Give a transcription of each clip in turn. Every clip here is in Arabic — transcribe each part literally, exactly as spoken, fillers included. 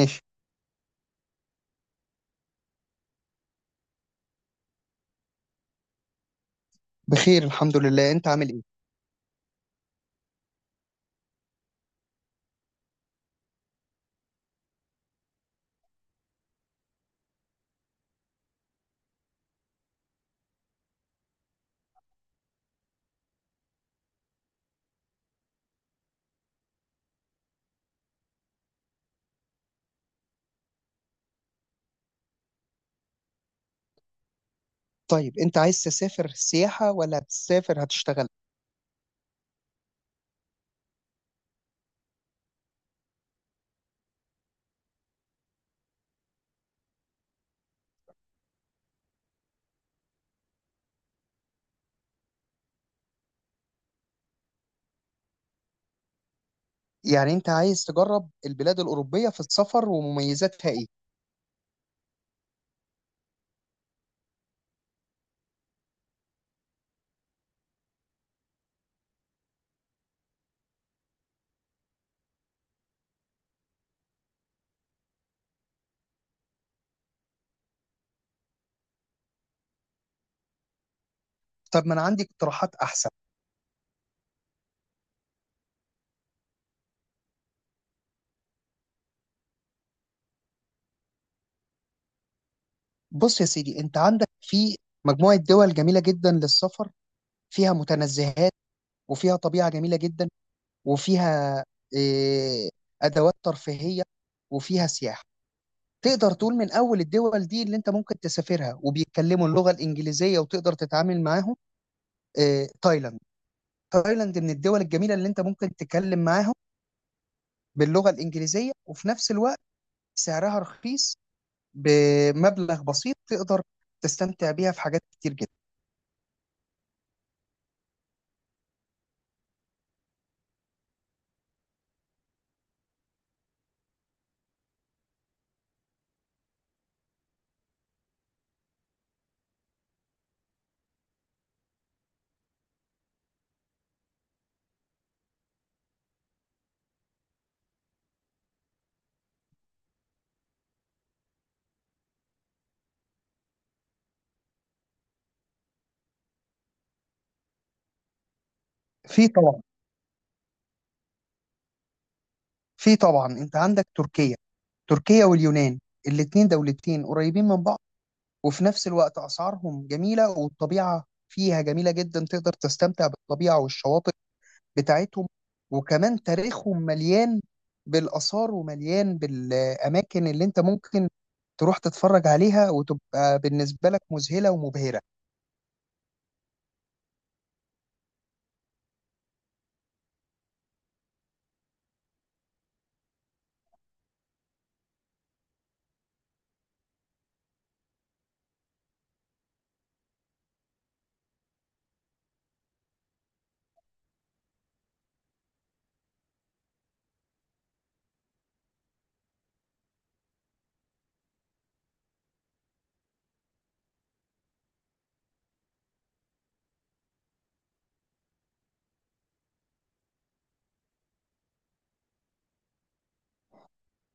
ماشي. بخير الحمد لله. انت عامل ايه؟ طيب انت عايز تسافر سياحة ولا هتسافر هتشتغل؟ يعني انت عايز تجرب البلاد الأوروبية في السفر ومميزاتها ايه؟ طب ما انا عندي اقتراحات احسن. بص يا سيدي، انت عندك في مجموعة دول جميلة جدا للسفر، فيها متنزهات، وفيها طبيعة جميلة جدا، وفيها اه أدوات ترفيهية، وفيها سياحة. تقدر تقول من أول الدول دي اللي أنت ممكن تسافرها وبيتكلموا اللغة الإنجليزية وتقدر تتعامل معاهم، اه تايلاند. تايلاند من الدول الجميله اللي انت ممكن تتكلم معاهم باللغه الانجليزيه، وفي نفس الوقت سعرها رخيص، بمبلغ بسيط تقدر تستمتع بيها في حاجات كتير جدا. في طبعا في طبعا انت عندك تركيا. تركيا واليونان، الاتنين دولتين قريبين من بعض، وفي نفس الوقت اسعارهم جميله، والطبيعه فيها جميله جدا، تقدر تستمتع بالطبيعه والشواطئ بتاعتهم، وكمان تاريخهم مليان بالآثار ومليان بالأماكن اللي أنت ممكن تروح تتفرج عليها وتبقى بالنسبة لك مذهلة ومبهرة.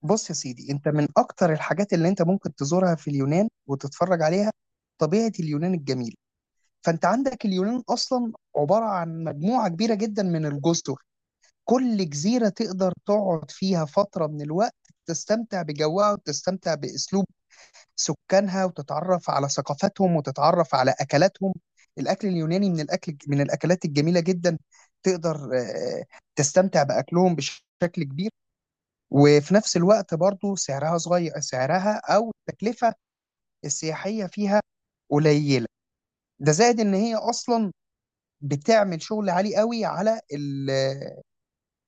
بص يا سيدي، أنت من أكتر الحاجات اللي أنت ممكن تزورها في اليونان وتتفرج عليها طبيعة اليونان الجميلة. فأنت عندك اليونان أصلا عبارة عن مجموعة كبيرة جدا من الجزر، كل جزيرة تقدر تقعد فيها فترة من الوقت، تستمتع بجوها وتستمتع بأسلوب سكانها، وتتعرف على ثقافتهم وتتعرف على اكلاتهم. الاكل اليوناني من الاكل من الاكلات الجميله جدا. تقدر آه، تستمتع باكلهم بشكل كبير. وفي نفس الوقت برضو سعرها صغير، سعرها او التكلفه السياحيه فيها قليله. ده زائد ان هي اصلا بتعمل شغل عالي قوي على ال-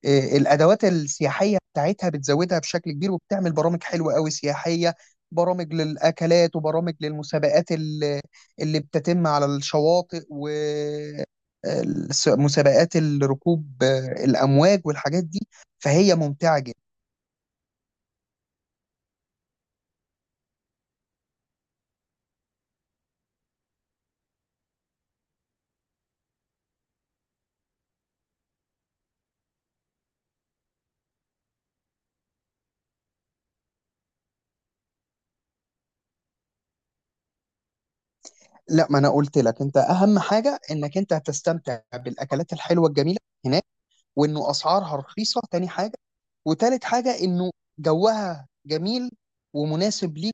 آه، الادوات السياحيه بتاعتها، بتزودها بشكل كبير وبتعمل برامج حلوه قوي سياحيه، برامج للاكلات وبرامج للمسابقات ال- اللي بتتم على الشواطئ، و الس- مسابقات الركوب، آه، الامواج والحاجات دي، فهي ممتعه جدا. لا، ما انا قلت لك انت اهم حاجه انك انت هتستمتع بالاكلات الحلوه الجميله هناك، وانه اسعارها رخيصه تاني حاجه، وتالت حاجه انه جوها جميل ومناسب ليك،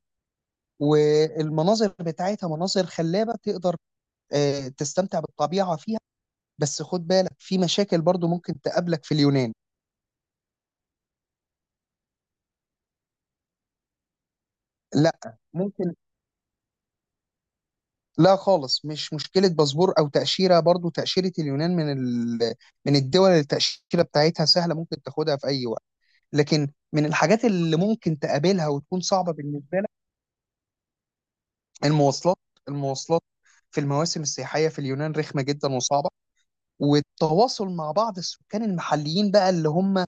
والمناظر بتاعتها مناظر خلابة تقدر آه، تستمتع بالطبيعة فيها. بس خد بالك في مشاكل برضو ممكن تقابلك في اليونان. لا ممكن. لا خالص، مش مشكلة باسبور أو تأشيرة، برضو تأشيرة اليونان من ال... من الدول اللي التأشيرة بتاعتها سهلة ممكن تاخدها في أي وقت، لكن من الحاجات اللي ممكن تقابلها وتكون صعبة بالنسبة لك المواصلات المواصلات في المواسم السياحية في اليونان رخمة جدا وصعبة، والتواصل مع بعض السكان المحليين بقى اللي هم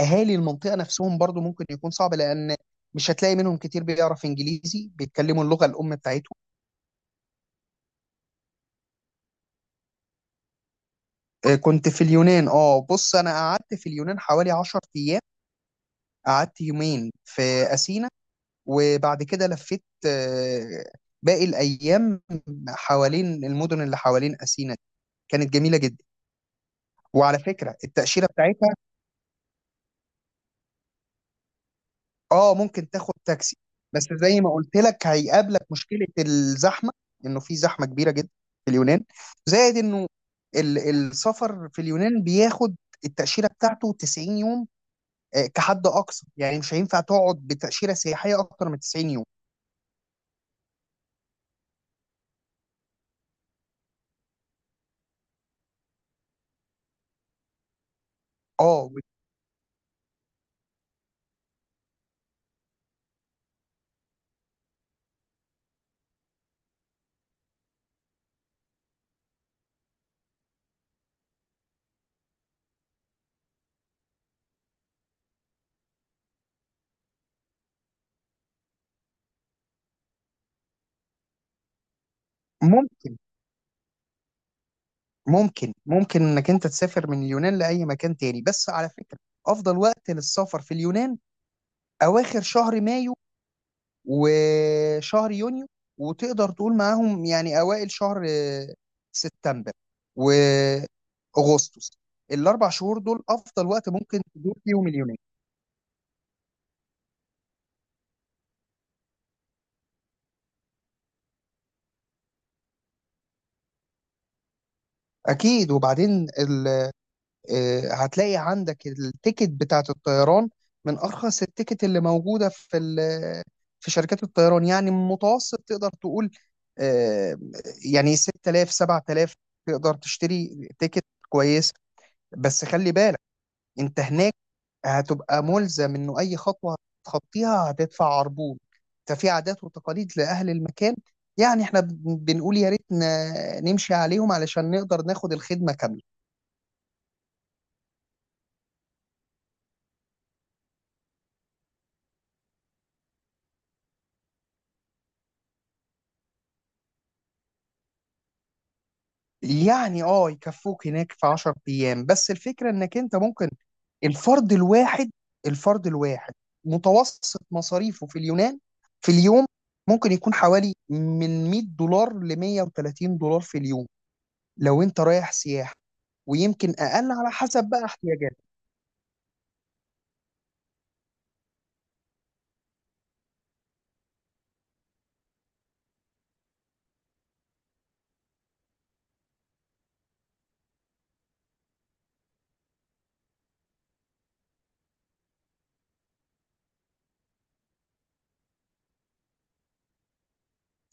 اهالي المنطقه نفسهم برضو ممكن يكون صعب، لان مش هتلاقي منهم كتير بيعرف انجليزي، بيتكلموا اللغه الام بتاعتهم. آه، كنت في اليونان، اه بص انا قعدت في اليونان حوالي 10 ايام، قعدت يومين في اثينا، وبعد كده لفيت آه، باقي الايام حوالين المدن اللي حوالين اثينا دي. كانت جميله جدا. وعلى فكره التاشيره بتاعتها، اه ممكن تاخد تاكسي، بس زي ما قلت لك هيقابلك مشكلة الزحمة، انه في زحمة كبيرة جدا في اليونان، زائد انه ال- السفر في اليونان بياخد، التأشيرة بتاعته 90 يوم آه، كحد أقصى، يعني مش هينفع تقعد بتأشيرة سياحية أكتر من 90 يوم. اه ممكن ممكن ممكن انك انت تسافر من اليونان لأي مكان تاني، بس على فكرة أفضل وقت للسفر في اليونان أواخر شهر مايو وشهر يونيو، وتقدر تقول معاهم يعني اوائل شهر آه، سبتمبر واغسطس. الاربع شهور دول افضل وقت ممكن تدور فيهم اليونان. اكيد، وبعدين ال... آه، هتلاقي عندك التيكت بتاعت الطيران من ارخص التيكت اللي موجوده في ال... في شركات الطيران، يعني متوسط تقدر تقول آه، يعني ست تلاف سبع تلاف، تقدر تشتري تيكت كويس. بس خلي بالك انت هناك هتبقى ملزم انه اي خطوه هتخطيها هتدفع عربون، ففي عادات وتقاليد لاهل المكان، يعني احنا بن- بنقول يا ريت ن- نمشي عليهم علشان نقدر ناخد الخدمه كامله. يعني اه يكفوك هناك في 10 ايام، بس الفكره انك انت ممكن، الفرد الواحد الفرد الواحد متوسط مصاريفه في اليونان في اليوم ممكن يكون حوالي من مئة دولار ل مئة وثلاثين دولار في اليوم لو انت رايح سياحه، ويمكن اقل على حسب بقى احتياجاتك.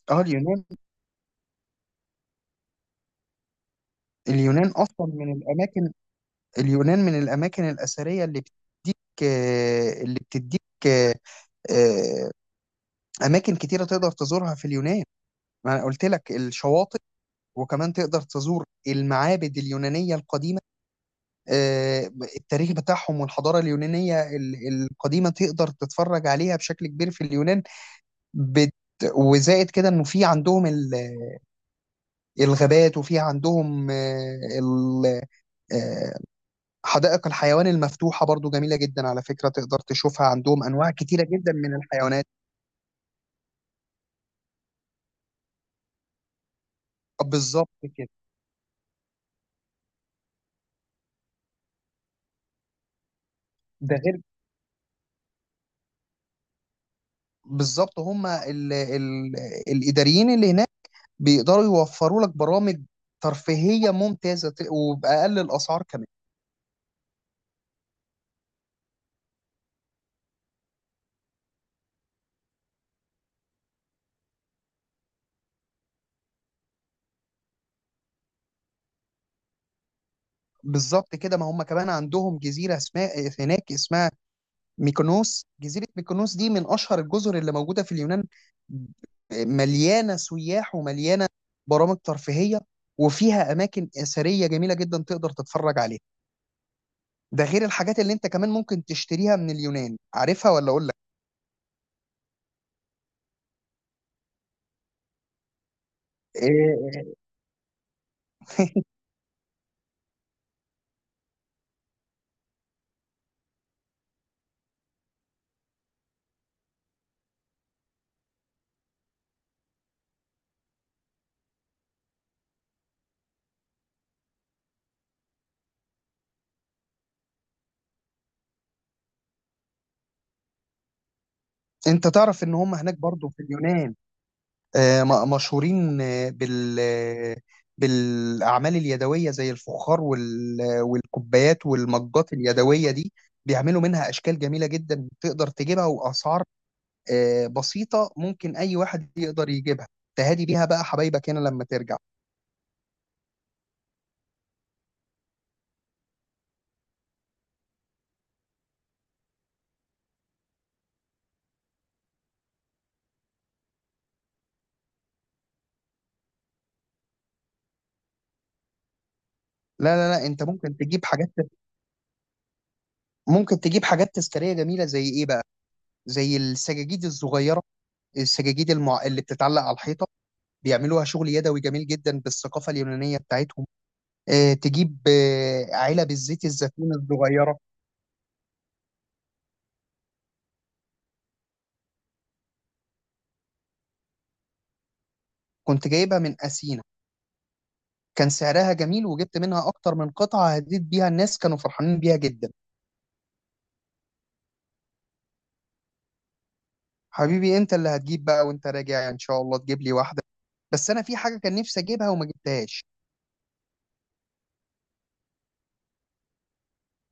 اه اليونان اليونان اصلا من الاماكن اليونان من الاماكن الاثريه اللي بتديك آه، اللي بتديك آه، آه، اماكن كتيره تقدر تزورها في اليونان. ما انا قلت لك الشواطئ، وكمان تقدر تزور المعابد اليونانيه القديمه، آه، التاريخ بتاعهم والحضاره اليونانيه ال- القديمه تقدر تتفرج عليها بشكل كبير في اليونان. بت وزائد كده انه في عندهم ال- الغابات، وفي عندهم آه، ال- آه، حدائق الحيوان المفتوحة برضو جميلة جدا على فكرة، تقدر تشوفها عندهم أنواع كتيرة جدا من الحيوانات. آه، بالظبط كده. ده غير، بالظبط هم ال ال الإداريين اللي هناك بيقدروا يوفروا لك برامج ترفيهية ممتازة، ت- وبأقل الأسعار كمان. بالظبط كده، ما هم كمان عندهم جزيرة اسمها هناك، اسمها ميكونوس. جزيرة ميكونوس دي من أشهر الجزر اللي موجودة في اليونان، مليانة سياح ومليانة برامج ترفيهية، وفيها أماكن أثرية جميلة جدا تقدر تتفرج عليها. ده غير الحاجات اللي أنت كمان ممكن تشتريها من اليونان، عارفها ولا أقول لك؟ إيه، أنت تعرف إن هم هناك برضو في اليونان آه، م- مشهورين آه، بال آه، بالأعمال اليدوية زي الفخار وال... آه، والكوبايات والمجات اليدوية دي، بيعملوا منها أشكال جميلة جدا تقدر تجيبها، وأسعار آه، بسيطة ممكن أي واحد يقدر يجيبها، تهادي بيها بقى حبايبك هنا لما ترجع. لا لا لا، أنت ممكن تجيب حاجات، ممكن تجيب حاجات تذكارية جميلة زي إيه بقى؟ زي السجاجيد الصغيرة، السجاجيد المع... اللي بتتعلق على الحيطة، بيعملوها شغل يدوي جميل جدا بالثقافة اليونانية بتاعتهم. آه، تجيب آه، علب الزيت الزيتون الصغيرة. كنت جايبها من أسينا، كان سعرها جميل وجبت منها أكتر من قطعة، هديت بيها الناس كانوا فرحانين بيها جدا. حبيبي، أنت اللي هتجيب بقى وأنت راجع إن شاء الله تجيب لي واحدة، بس أنا في حاجة كان نفسي أجيبها وما جبتهاش.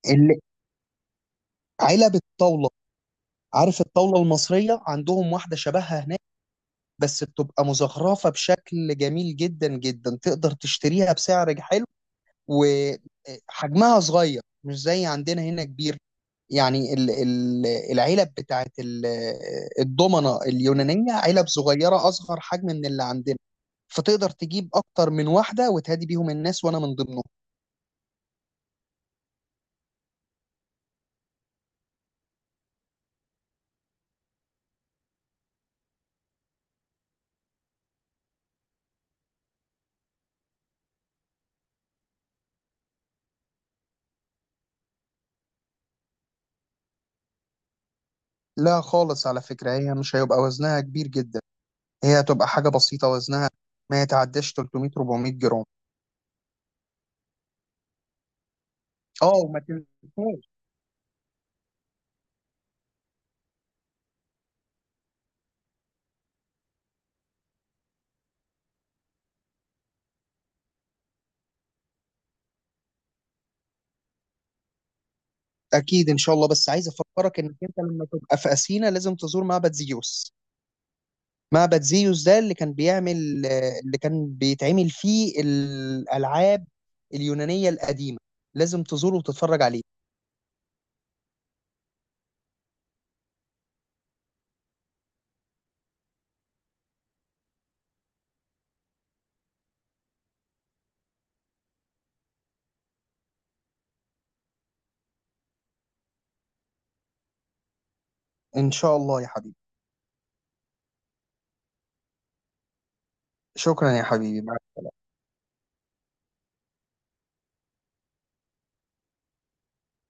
ال- علب الطاولة، عارف الطاولة المصرية؟ عندهم واحدة شبهها هناك، بس بتبقى مزخرفة بشكل جميل جدا جدا تقدر تشتريها بسعر حلو، وحجمها صغير مش زي عندنا هنا كبير، يعني ال- ال- العلب بتاعت ال- الضمنة اليونانية، علب صغيرة أصغر حجم من اللي عندنا، فتقدر تجيب أكتر من واحدة وتهدي بيهم الناس، وأنا من ضمنهم. لا خالص، على فكرة هي مش هيبقى وزنها كبير جدا، هي هتبقى حاجة بسيطة وزنها ما يتعداش تلتميه اربعميه جرام. اه وما تنساش، اكيد ان شاء الله، بس عايز افكرك انك انت لما تبقى في اثينا لازم تزور معبد زيوس. معبد زيوس ده اللي كان بيعمل، اللي كان بيتعمل فيه الألعاب اليونانية القديمة، لازم تزوره وتتفرج عليه. إن شاء الله يا حبيبي. شكرا يا حبيبي.